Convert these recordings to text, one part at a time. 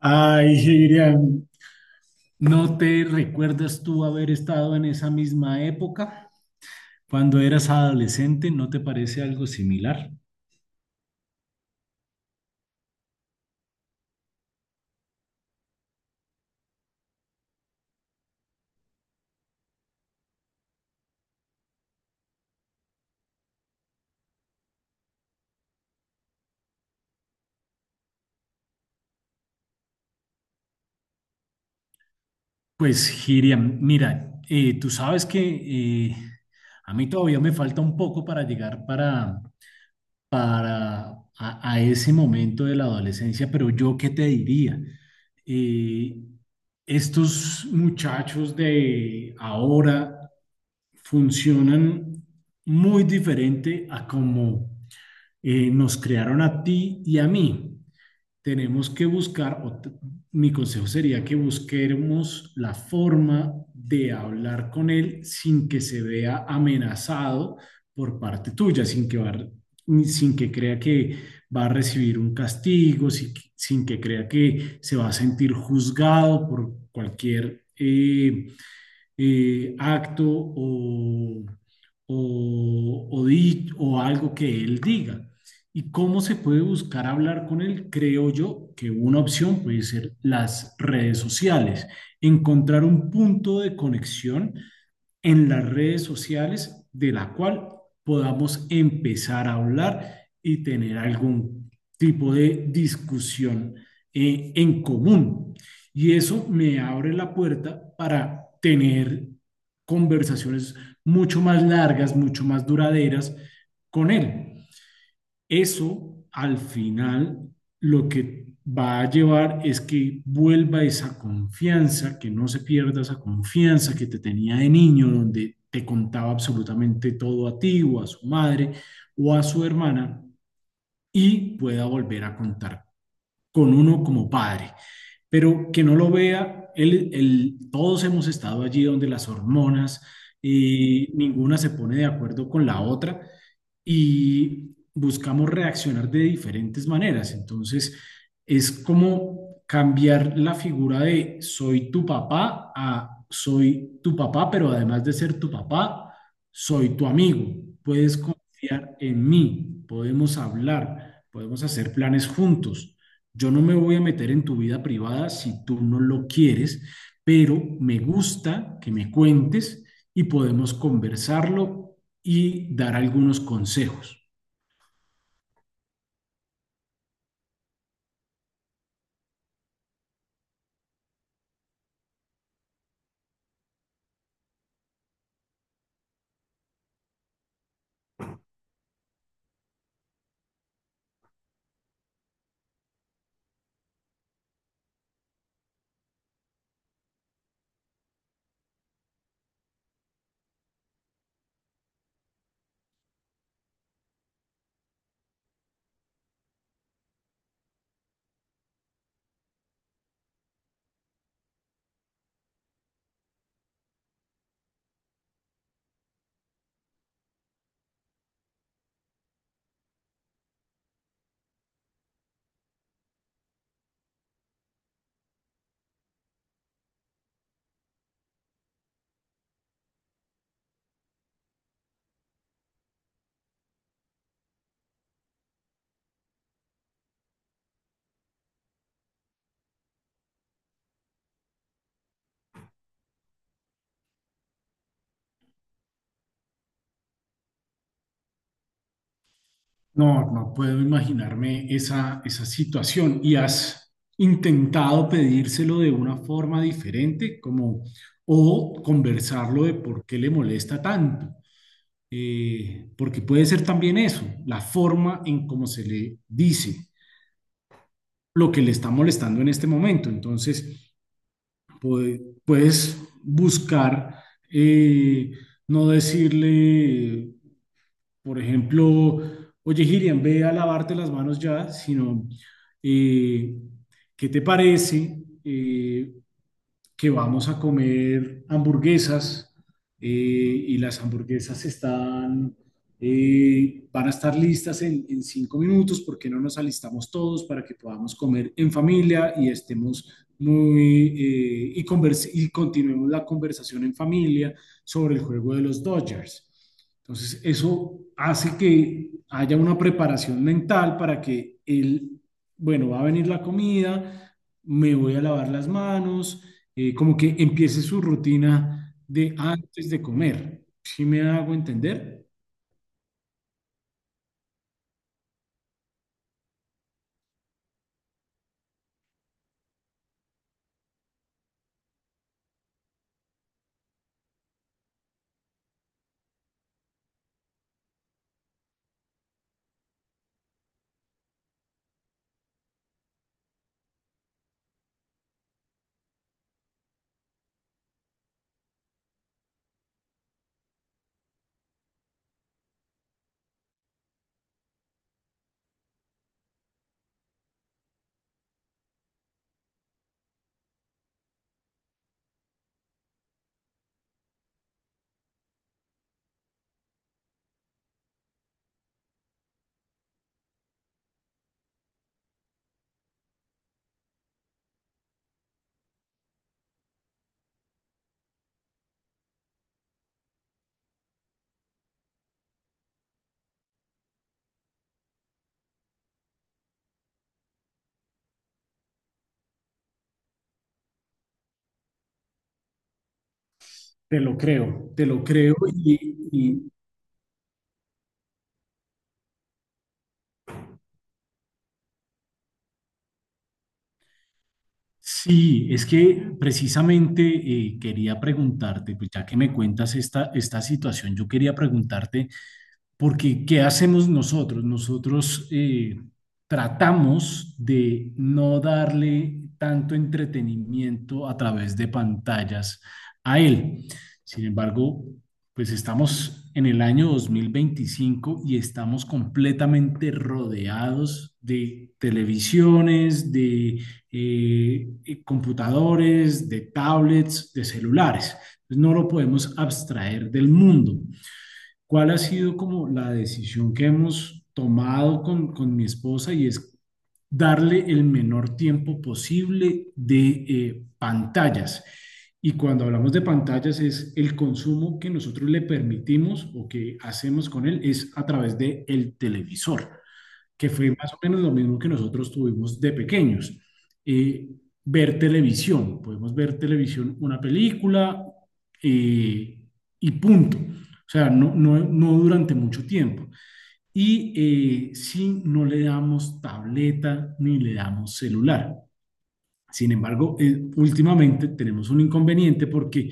Ay, Girian, ¿no te recuerdas tú haber estado en esa misma época cuando eras adolescente? ¿No te parece algo similar? Pues, Girian, mira, tú sabes que a mí todavía me falta un poco para llegar para a ese momento de la adolescencia, pero yo qué te diría. Eh, Estos muchachos de ahora funcionan muy diferente a como nos crearon a ti y a mí. Tenemos que buscar, o mi consejo sería que busquemos la forma de hablar con él sin que se vea amenazado por parte tuya, sin que crea que va a recibir un castigo, sin que crea que se va a sentir juzgado por cualquier acto o o algo que él diga. ¿Y cómo se puede buscar hablar con él? Creo yo que una opción puede ser las redes sociales, encontrar un punto de conexión en las redes sociales de la cual podamos empezar a hablar y tener algún tipo de discusión en común. Y eso me abre la puerta para tener conversaciones mucho más largas, mucho más duraderas con él. Eso al final lo que va a llevar es que vuelva esa confianza, que no se pierda esa confianza que te tenía de niño, donde te contaba absolutamente todo a ti o a su madre o a su hermana y pueda volver a contar con uno como padre, pero que no lo vea, todos hemos estado allí donde las hormonas, ninguna se pone de acuerdo con la otra y buscamos reaccionar de diferentes maneras. Entonces, es como cambiar la figura de soy tu papá a soy tu papá, pero además de ser tu papá, soy tu amigo. Puedes confiar en mí, podemos hablar, podemos hacer planes juntos. Yo no me voy a meter en tu vida privada si tú no lo quieres, pero me gusta que me cuentes y podemos conversarlo y dar algunos consejos. No, no puedo imaginarme esa, esa situación. ¿Y has intentado pedírselo de una forma diferente, como o conversarlo de por qué le molesta tanto? Porque puede ser también eso, la forma en cómo se le dice lo que le está molestando en este momento. Entonces, puedes buscar, eh, no decirle, por ejemplo, oye, Girian, ve a lavarte las manos ya, sino, eh, ¿qué te parece? Que vamos a comer hamburguesas, y las hamburguesas están, van a estar listas en 5 minutos. Porque no nos alistamos todos para que podamos comer en familia y estemos muy y y continuemos la conversación en familia sobre el juego de los Dodgers? Entonces, eso hace que haya una preparación mental para que el, bueno, va a venir la comida, me voy a lavar las manos, como que empiece su rutina de antes de comer. ¿Sí me hago entender? Te lo creo, te lo creo. Y sí, es que precisamente quería preguntarte, pues ya que me cuentas esta, esta situación, yo quería preguntarte. Porque ¿qué hacemos nosotros? Nosotros tratamos de no darle tanto entretenimiento a través de pantallas a él. Sin embargo, pues estamos en el año 2025 y estamos completamente rodeados de televisiones, de computadores, de tablets, de celulares. Entonces, no lo podemos abstraer del mundo. ¿Cuál ha sido como la decisión que hemos tomado con mi esposa? Y es darle el menor tiempo posible de pantallas. Y cuando hablamos de pantallas, es el consumo que nosotros le permitimos o que hacemos con él es a través del televisor, que fue más o menos lo mismo que nosotros tuvimos de pequeños. Eh, Ver televisión, podemos ver televisión, una película, eh, y punto. O sea, no, no, no durante mucho tiempo. Y si no le damos tableta ni le damos celular. Sin embargo, últimamente tenemos un inconveniente porque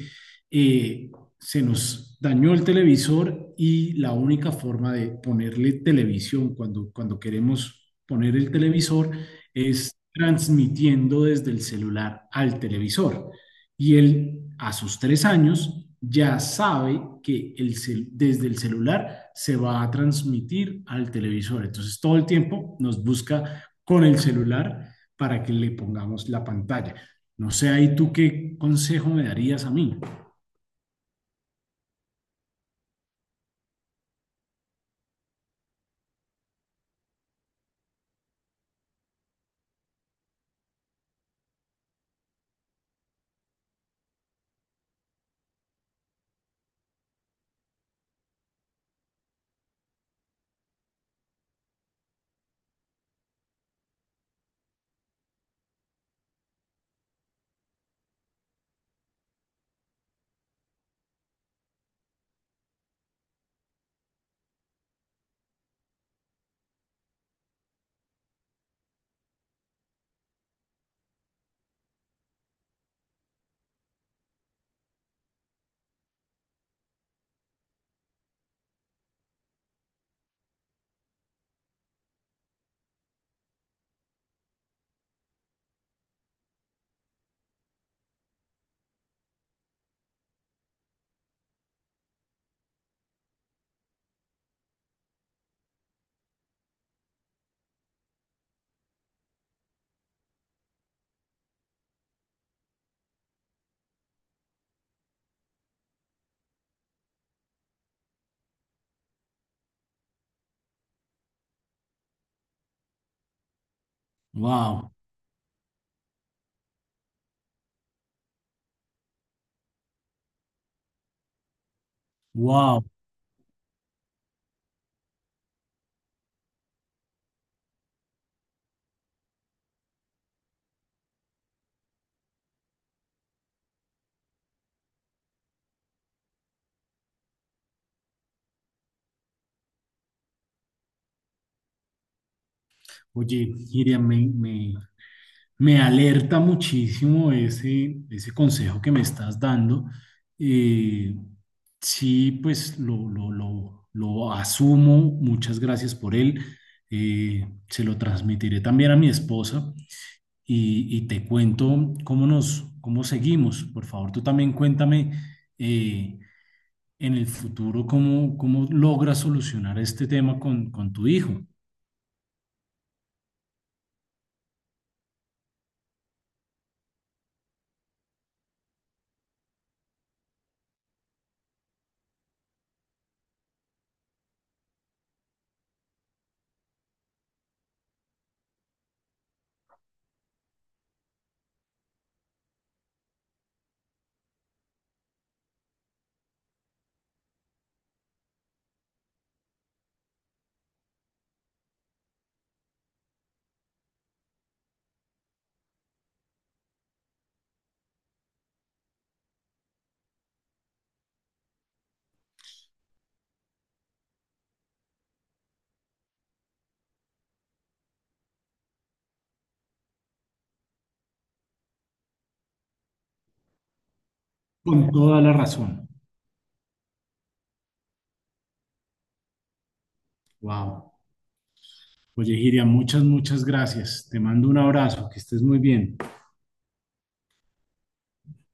eh, se nos dañó el televisor y la única forma de ponerle televisión cuando, cuando queremos poner el televisor es transmitiendo desde el celular al televisor. Y él, a sus 3 años, ya sabe que desde el celular se va a transmitir al televisor. Entonces todo el tiempo nos busca con el celular para que le pongamos la pantalla. No sé, ahí tú qué consejo me darías a mí. Wow, wow. Oye, Miriam, me alerta muchísimo ese, ese consejo que me estás dando. Eh, sí, pues lo asumo. Muchas gracias por él. Se lo transmitiré también a mi esposa y te cuento cómo nos, cómo seguimos. Por favor, tú también cuéntame eh, en el futuro cómo, cómo logras solucionar este tema con tu hijo. Con toda la razón. Wow. Oye, Giria, muchas, muchas gracias. Te mando un abrazo, que estés muy bien.